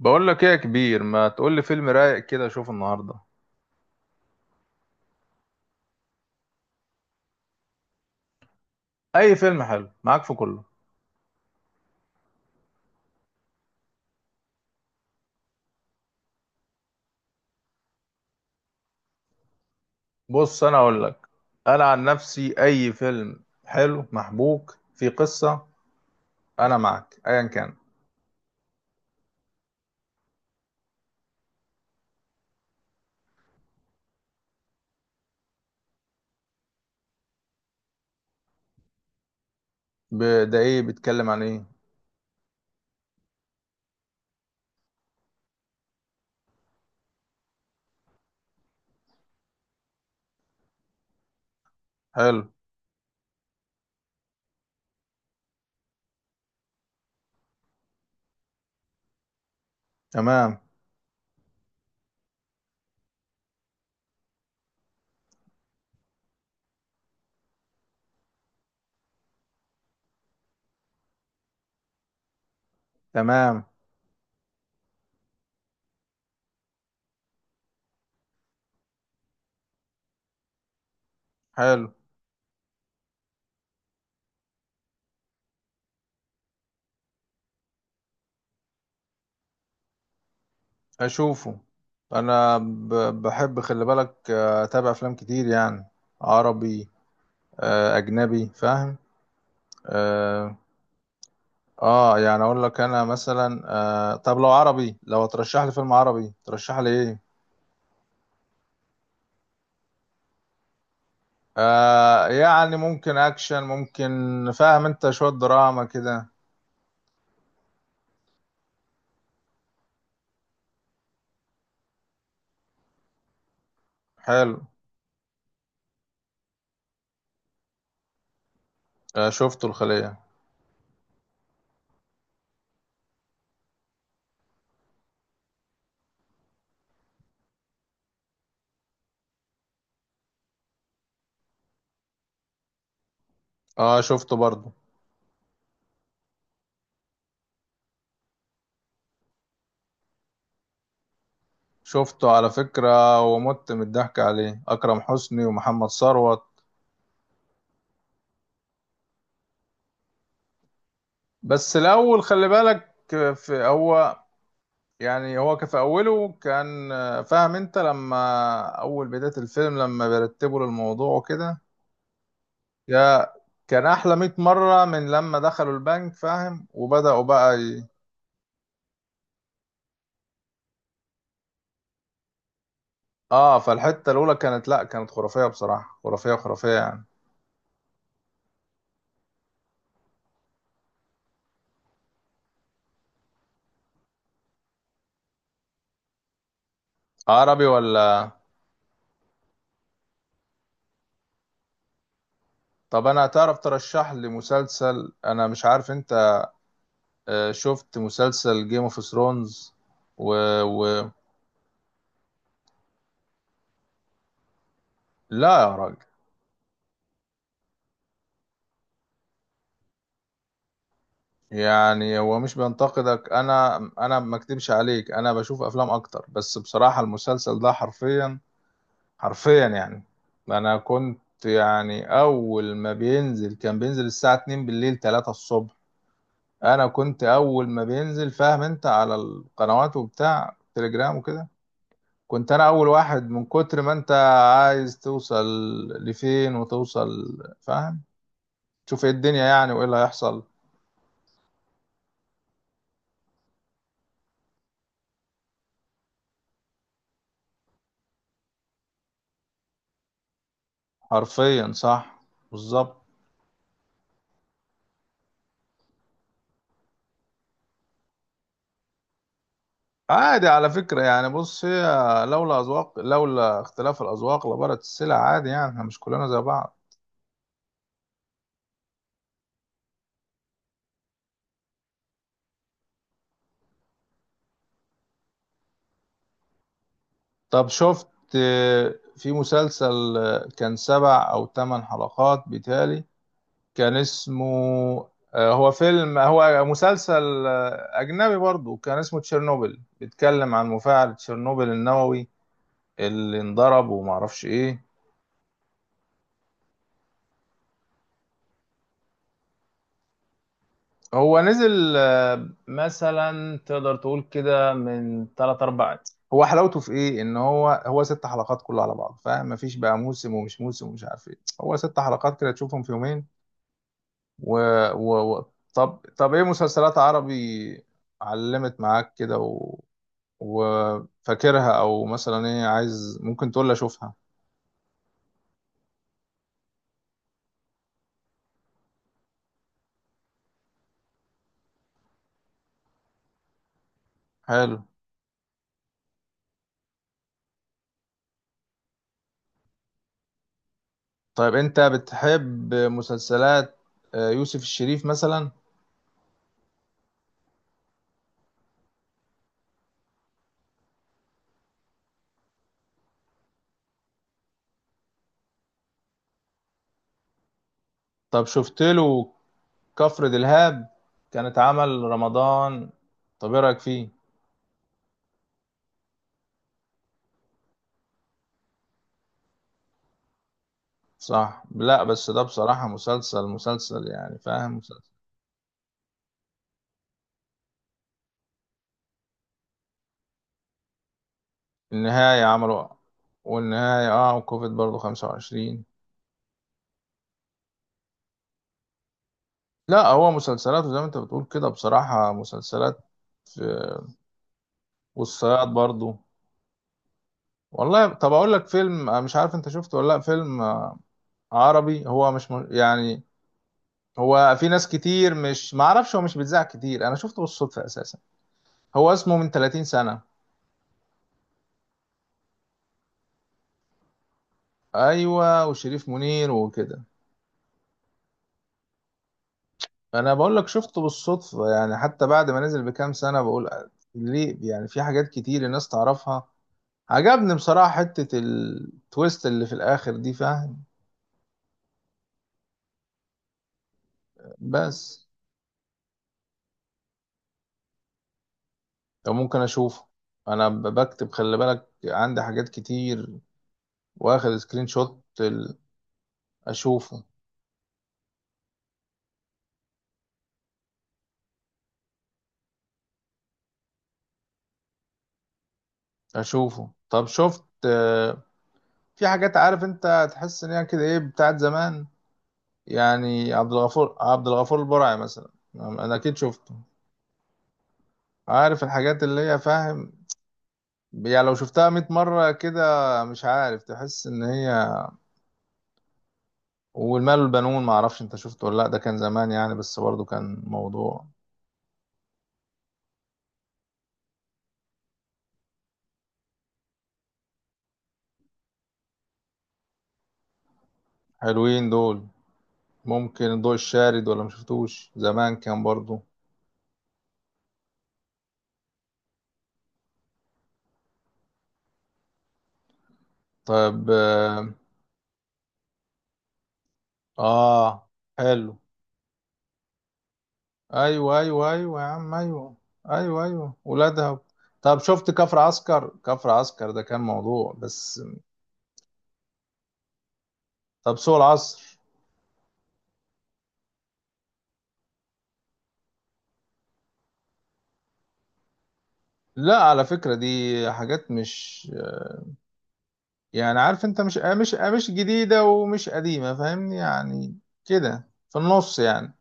بقول لك ايه يا كبير؟ ما تقول لي فيلم رايق كده اشوفه النهارده. اي فيلم حلو معاك في كله. بص انا اقول لك، انا عن نفسي اي فيلم حلو محبوك في قصه. انا معاك ايا كان. ده ايه، بيتكلم عن ايه؟ حلو. تمام. تمام. حلو. اشوفه. انا بحب خلي بالك، اتابع افلام كتير يعني، عربي، اجنبي فاهم. آه. اه، يعني اقول لك انا مثلا. آه، طب لو عربي، لو ترشح لي فيلم عربي ترشح لي ايه؟ آه يعني ممكن اكشن، ممكن. فاهم انت؟ شوية دراما كده. حلو. آه، شفته الخلية. اه شفته برضو. شفته على فكرة ومت من الضحك عليه، اكرم حسني ومحمد ثروت. بس الاول خلي بالك، في هو، يعني هو كان في اوله، كان، فاهم انت لما، اول بداية الفيلم لما بيرتبوا للموضوع وكده، يا كان احلى 100 مره من لما دخلوا البنك، فاهم، وبداوا بقى اه. فالحته الاولى كانت، لا كانت خرافيه بصراحه، خرافيه خرافيه يعني. عربي ولا؟ طب انا، تعرف ترشح لي مسلسل، انا مش عارف انت، شفت مسلسل جيم اوف ثرونز؟ و... و... لا يا راجل. يعني هو مش بينتقدك، انا ما اكدبش عليك، انا بشوف افلام اكتر، بس بصراحه المسلسل ده حرفيا، حرفيا يعني. انا كنت يعني اول ما بينزل، كان بينزل الساعة 2 بالليل 3 الصبح، انا كنت اول ما بينزل، فاهم انت، على القنوات وبتاع تليجرام وكده. كنت انا اول واحد من كتر ما انت عايز توصل لفين وتوصل، فاهم، تشوف ايه الدنيا، يعني وايه اللي هيحصل. حرفيا صح. بالظبط. عادي على فكرة، يعني بص هي، لولا اختلاف الأذواق لبارت السلع، عادي يعني احنا مش كلنا زي بعض. طب شفت في مسلسل، كان سبع أو ثمان حلقات بتالي، كان اسمه، هو فيلم هو مسلسل أجنبي برضو، كان اسمه تشيرنوبل، بيتكلم عن مفاعل تشيرنوبل النووي اللي انضرب وما اعرفش ايه. هو نزل، مثلا تقدر تقول كده من 3 4. هو حلاوته في ايه، ان هو ست حلقات كله على بعض، فاهم، مفيش بقى موسم ومش موسم ومش عارف ايه، هو ست حلقات كده تشوفهم في يومين. و... و... و... طب ايه مسلسلات عربي علمت معاك كده وفاكرها او مثلا ايه عايز، ممكن تقول لي اشوفها؟ حلو. طيب انت بتحب مسلسلات يوسف الشريف مثلا؟ طب شفت له كفر دلهاب، كان اتعمل رمضان؟ طب ايه رايك فيه؟ صح. لا بس ده بصراحة، مسلسل مسلسل يعني، فاهم، مسلسل النهاية عملوا. والنهاية اه، وكوفيد برضو 25. لا هو مسلسلات، وزي ما انت بتقول كده بصراحة مسلسلات في. والصياد برضو. والله طب اقول لك فيلم، مش عارف انت شفته ولا لا، فيلم عربي، هو مش يعني هو، في ناس كتير مش، ما اعرفش، هو مش بيتذاع كتير، انا شفته بالصدفة اساسا. هو اسمه من 30 سنة، ايوه، وشريف منير وكده. انا بقول لك شفته بالصدفة، يعني حتى بعد ما نزل بكام سنة بقول ليه؟ يعني في حاجات كتير الناس تعرفها. عجبني بصراحة حتة التويست اللي في الآخر دي، فاهم. بس ممكن اشوفه. انا بكتب خلي بالك، عندي حاجات كتير واخد سكرين شوت اشوفه. اشوفه. طب شفت في حاجات، عارف انت تحس ان هي كده ايه، بتاعت زمان، يعني عبد الغفور البرعي مثلا، انا اكيد شفته. عارف الحاجات اللي هي، فاهم، يعني لو شفتها 100 مرة كده مش عارف، تحس ان هي. والمال والبنون، معرفش انت شفته ولا لا، ده كان زمان يعني، بس برضه كان موضوع. حلوين دول. ممكن الضوء الشارد ولا مشفتوش؟ زمان كان برضو. طيب. آه. آه. حلو. أيوة أيوة أيوة يا عم، أيوة. أيوة أيوة ولادها. طب شفت كفر عسكر؟ كفر عسكر ده كان موضوع بس. طب سوق العصر؟ لا على فكرة دي حاجات مش، يعني عارف انت، مش جديدة ومش قديمة، فاهمني يعني، كده في النص يعني.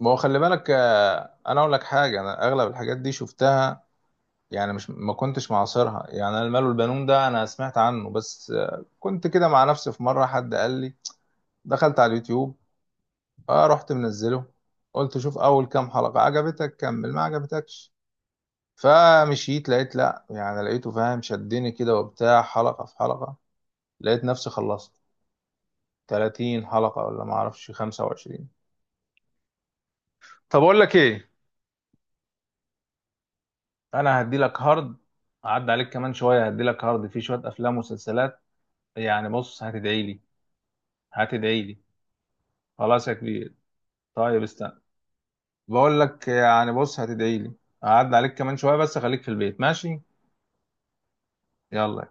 ما هو خلي بالك، انا اقول لك حاجة، انا اغلب الحاجات دي شفتها، يعني مش، ما كنتش معاصرها يعني. انا المال والبنون ده انا سمعت عنه بس، كنت كده مع نفسي في مره حد قال لي، دخلت على اليوتيوب، اه رحت منزله، قلت شوف اول كام حلقه عجبتك كمل، ما عجبتكش. فمشيت لقيت، لا يعني لقيته، فاهم، شدني كده وبتاع، حلقه في حلقه لقيت نفسي خلصت 30 حلقه ولا ما اعرفش 25. طب اقول لك ايه، انا هدي لك هارد، عدى عليك كمان شويه هدي لك هارد، فيه شويه افلام ومسلسلات. يعني بص هتدعي لي، هتدعي لي. خلاص يا كبير. طيب استنى. بقول لك يعني بص هتدعي لي، هعدي عليك كمان شوية، بس خليك في البيت ماشي. يلا.